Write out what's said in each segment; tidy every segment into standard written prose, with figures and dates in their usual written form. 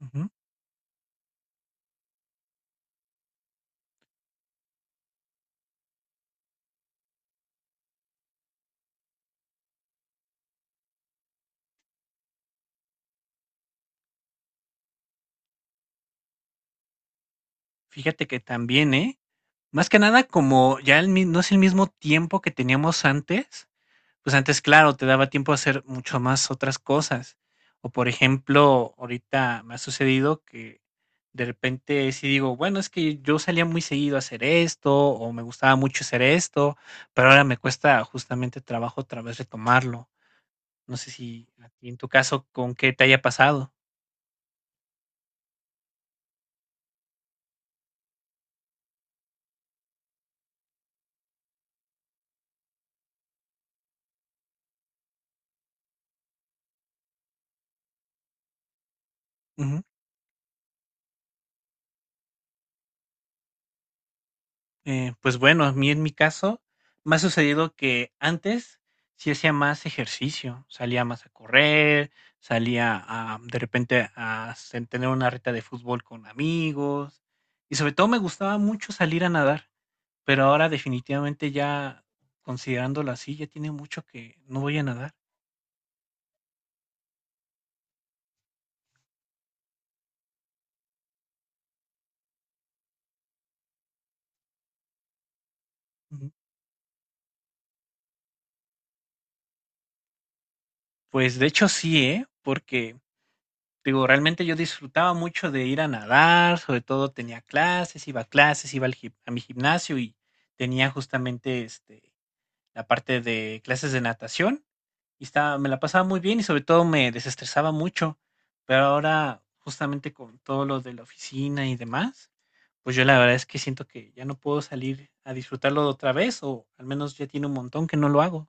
Ujú. Fíjate que también, ¿eh? Más que nada, como ya el mi no es el mismo tiempo que teníamos antes, pues antes, claro, te daba tiempo a hacer mucho más otras cosas. O, por ejemplo, ahorita me ha sucedido que de repente sí digo, bueno, es que yo salía muy seguido a hacer esto, o me gustaba mucho hacer esto, pero ahora me cuesta justamente trabajo otra vez retomarlo. No sé si a ti en tu caso con qué te haya pasado. Pues bueno, a mí en mi caso me ha sucedido que antes sí hacía más ejercicio, salía más a correr, salía a, de repente a tener una reta de fútbol con amigos y sobre todo me gustaba mucho salir a nadar, pero ahora definitivamente ya considerándolo así, ya tiene mucho que no voy a nadar. Ujú. Pues de hecho sí, ¿eh? Porque digo, realmente yo disfrutaba mucho de ir a nadar, sobre todo tenía clases, iba a clases, iba al a mi gimnasio y tenía justamente este, la parte de clases de natación y estaba, me la pasaba muy bien y sobre todo me desestresaba mucho. Pero ahora, justamente con todo lo de la oficina y demás, pues yo la verdad es que siento que ya no puedo salir a disfrutarlo otra vez o al menos ya tiene un montón que no lo hago.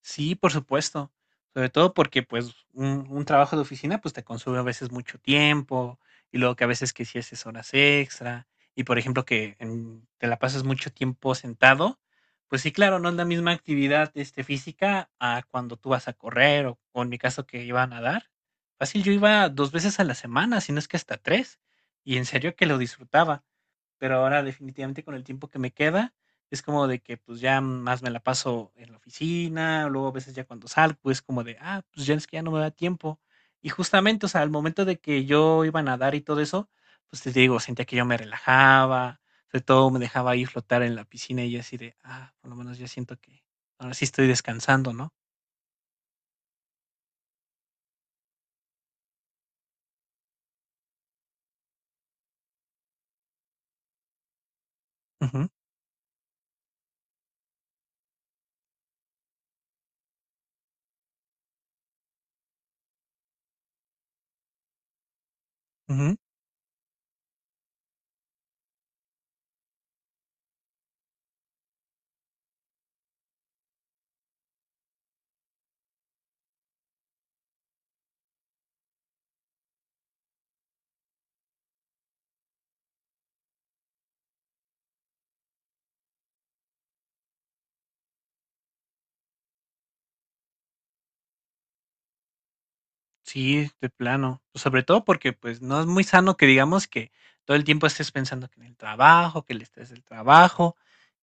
Sí, por supuesto. Sobre todo porque, pues, un trabajo de oficina, pues, te consume a veces mucho tiempo y luego que a veces que si haces horas extra y, por ejemplo, que te la pasas mucho tiempo sentado, pues sí, claro, no es la misma actividad, este, física a cuando tú vas a correr o en mi caso que iba a nadar. Fácil, yo iba dos veces a la semana, si no es que hasta tres, y en serio que lo disfrutaba. Pero ahora definitivamente con el tiempo que me queda, es como de que, pues, ya más me la paso en la oficina, luego a veces ya cuando salgo es como de, ah, pues, ya es que ya no me da tiempo. Y justamente, o sea, al momento de que yo iba a nadar y todo eso, pues, te digo, sentía que yo me relajaba, sobre todo me dejaba ahí flotar en la piscina y yo así de, ah, por lo menos ya siento que ahora sí estoy descansando, ¿no? Ujú, ujú. Sí, de plano. Pues sobre todo porque pues no es muy sano que digamos que todo el tiempo estés pensando que en el trabajo, que el estrés del trabajo,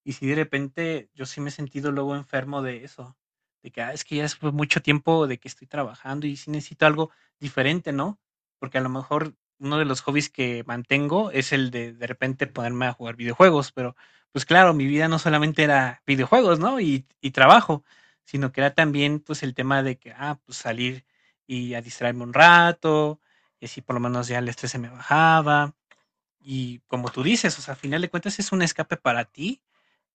y si de repente yo sí me he sentido luego enfermo de eso, de que "Ah, es que ya es mucho tiempo de que estoy trabajando y sí necesito algo diferente, ¿no? Porque a lo mejor uno de los hobbies que mantengo es el de repente ponerme a jugar videojuegos, pero pues claro, mi vida no solamente era videojuegos, ¿no? Y trabajo, sino que era también pues el tema de que, ah, pues salir y a distraerme un rato, y así por lo menos ya el estrés se me bajaba. Y como tú dices, o sea, al final de cuentas es un escape para ti,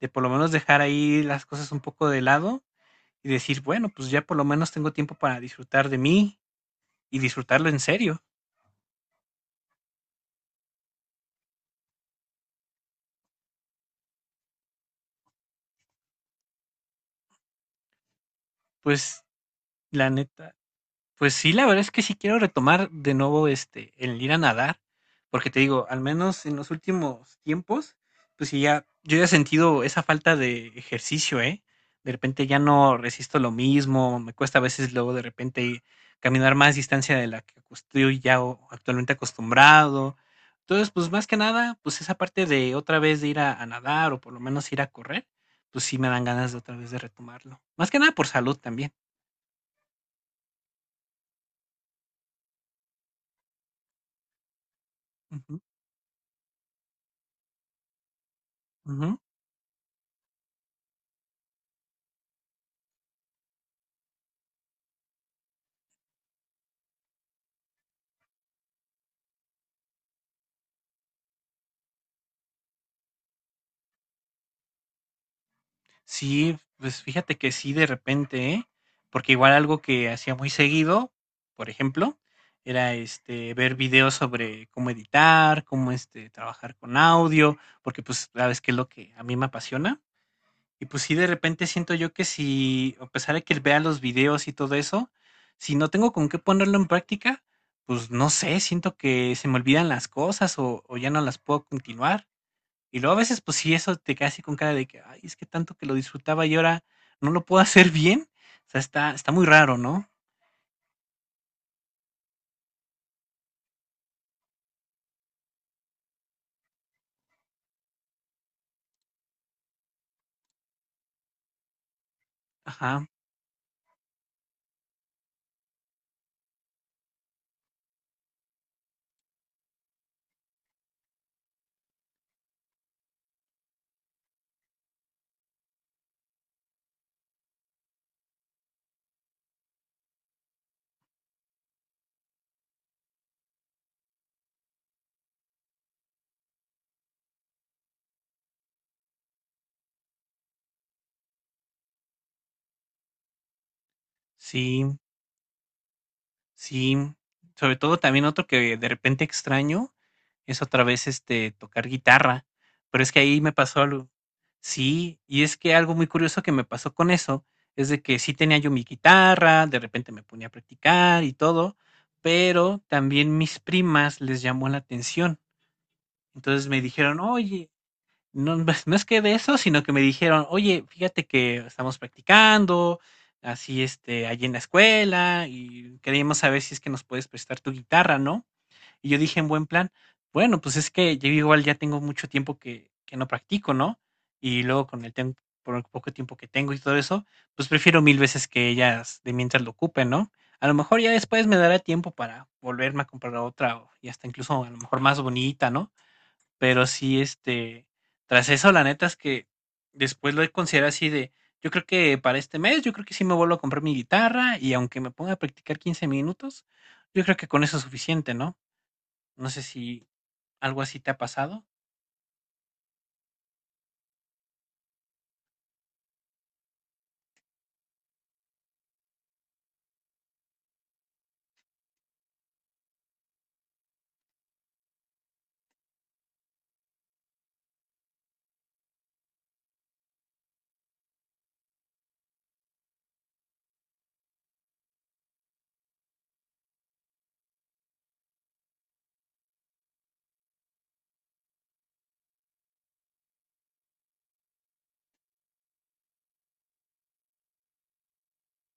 de por lo menos dejar ahí las cosas un poco de lado y decir, bueno, pues ya por lo menos tengo tiempo para disfrutar de mí y disfrutarlo en serio. Pues la neta, pues sí, la verdad es que sí quiero retomar de nuevo, este, el ir a nadar, porque te digo, al menos en los últimos tiempos, pues sí ya yo ya he sentido esa falta de ejercicio, ¿eh? De repente ya no resisto lo mismo, me cuesta a veces luego de repente caminar más distancia de la que estoy ya actualmente acostumbrado. Entonces, pues más que nada, pues esa parte de otra vez de ir a nadar o por lo menos ir a correr, pues sí me dan ganas de otra vez de retomarlo. Más que nada por salud también. Ujú, ujú. Sí, pues fíjate que sí, de repente, ¿eh? Porque igual algo que hacía muy seguido, por ejemplo, era este ver videos sobre cómo editar, cómo este trabajar con audio, porque pues sabes que es lo que a mí me apasiona. Y pues sí, de repente siento yo que si, a pesar de que vea los videos y todo eso, si no tengo con qué ponerlo en práctica, pues no sé, siento que se me olvidan las cosas o ya no las puedo continuar. Y luego a veces, pues sí, eso te queda así con cara de que, ay, es que tanto que lo disfrutaba y ahora no lo puedo hacer bien. O sea, está muy raro, ¿no? Ajá, sí, sí. Sobre todo también otro que de repente extraño es otra vez este tocar guitarra. Pero es que ahí me pasó algo. Sí, y es que algo muy curioso que me pasó con eso es de que sí tenía yo mi guitarra, de repente me ponía a practicar y todo, pero también mis primas les llamó la atención. Entonces me dijeron, oye, no, pues, no es que de eso, sino que me dijeron, oye, fíjate que estamos practicando, así, este, allí en la escuela, y queríamos saber si es que nos puedes prestar tu guitarra, ¿no? Y yo dije en buen plan, bueno, pues es que yo igual ya tengo mucho tiempo que no practico, ¿no? Y luego con el tiempo, por el poco tiempo que tengo y todo eso, pues prefiero mil veces que ellas de mientras lo ocupen, ¿no? A lo mejor ya después me dará tiempo para volverme a comprar otra, y hasta incluso a lo mejor más bonita, ¿no? Pero sí, este, tras eso, la neta es que después lo he considerado así de, yo creo que para este mes, yo creo que sí me vuelvo a comprar mi guitarra y aunque me ponga a practicar 15 minutos, yo creo que con eso es suficiente, ¿no? No sé si algo así te ha pasado.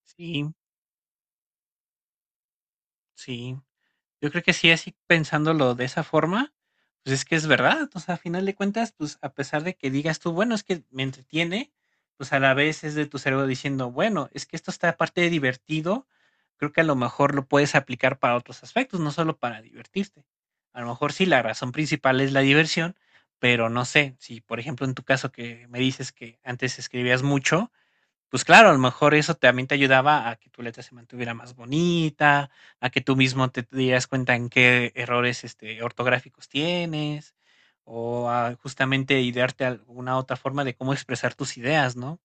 Sí, sí. Yo creo que sí, así pensándolo de esa forma, pues es que es verdad, o sea, a final de cuentas, pues a pesar de que digas tú, bueno, es que me entretiene, pues a la vez es de tu cerebro diciendo, bueno, es que esto está aparte de divertido, creo que a lo mejor lo puedes aplicar para otros aspectos, no solo para divertirte. A lo mejor sí, la razón principal es la diversión, pero no sé, si por ejemplo en tu caso que me dices que antes escribías mucho, pues claro, a lo mejor eso también te ayudaba a que tu letra se mantuviera más bonita, a que tú mismo te dieras cuenta en qué errores, este, ortográficos tienes, o a justamente idearte alguna otra forma de cómo expresar tus ideas, ¿no?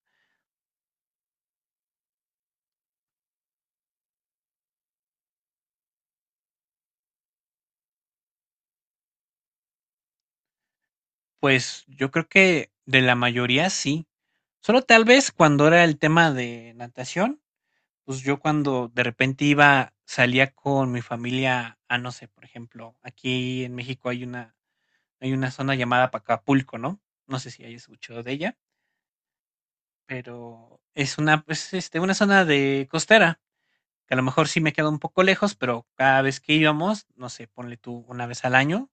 Pues yo creo que de la mayoría sí. Solo tal vez cuando era el tema de natación, pues yo cuando de repente iba, salía con mi familia a, no sé, por ejemplo, aquí en México hay una zona llamada Pacapulco, ¿no? No sé si hayas escuchado de ella, pero es una, pues, este, una zona de costera, que a lo mejor sí me queda un poco lejos, pero cada vez que íbamos, no sé, ponle tú una vez al año,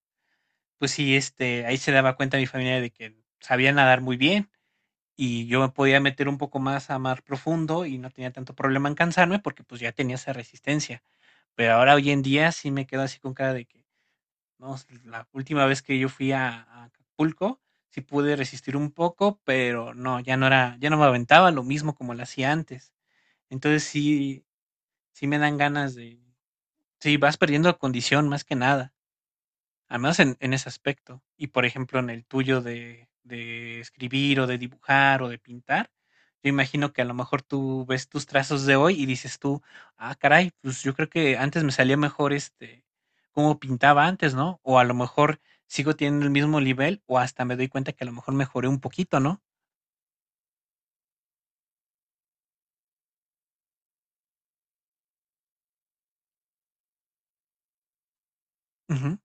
pues sí, este, ahí se daba cuenta mi familia de que sabía nadar muy bien y yo me podía meter un poco más a mar profundo y no tenía tanto problema en cansarme porque pues ya tenía esa resistencia. Pero ahora hoy en día sí me quedo así con cara de que no, la última vez que yo fui a Acapulco, sí pude resistir un poco, pero no, ya no era ya no me aventaba lo mismo como lo hacía antes. Entonces sí sí me dan ganas de sí, vas perdiendo condición más que nada. Al menos en ese aspecto. Y, por ejemplo, en el tuyo de escribir, o de dibujar, o de pintar, yo imagino que a lo mejor tú ves tus trazos de hoy y dices tú: "Ah, caray, pues yo creo que antes me salía mejor, este, cómo pintaba antes, ¿no?". O a lo mejor sigo teniendo el mismo nivel, o hasta me doy cuenta que a lo mejor mejoré un poquito, ¿no? Ujú.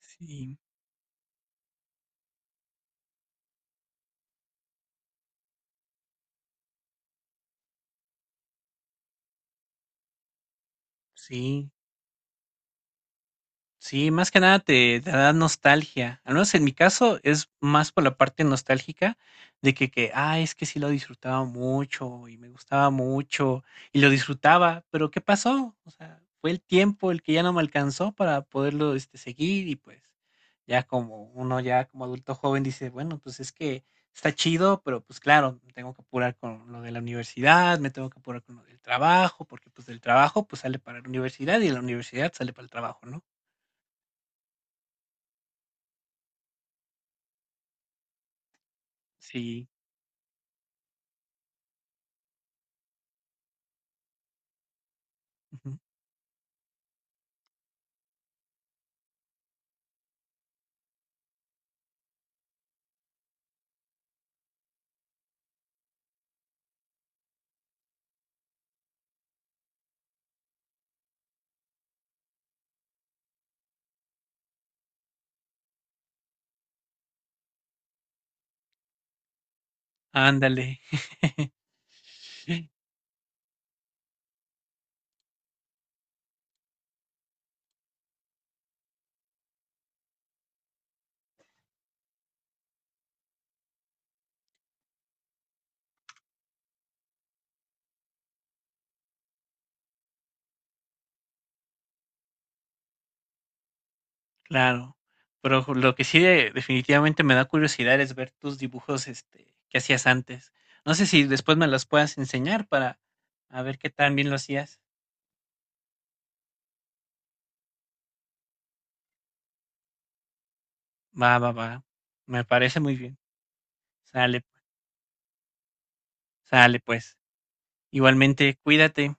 Sí, sí. Sí, más que nada te, te da nostalgia. Al menos en mi caso es más por la parte nostálgica de que, ah, es que sí lo disfrutaba mucho y me gustaba mucho y lo disfrutaba, pero ¿qué pasó? O sea, fue el tiempo el que ya no me alcanzó para poderlo este, seguir y pues ya como uno ya como adulto joven dice, bueno, pues es que está chido, pero pues claro, me tengo que apurar con lo de la universidad, me tengo que apurar con lo del trabajo, porque pues del trabajo pues sale para la universidad y de la universidad sale para el trabajo, ¿no? Sí, ujú, ándale. Claro, pero ju lo que sí de definitivamente me da curiosidad es ver tus dibujos, este, que hacías antes. No sé si después me los puedas enseñar para a ver qué tan bien lo hacías. Va, va, va. Me parece muy bien. Sale, sale, pues. Igualmente, cuídate.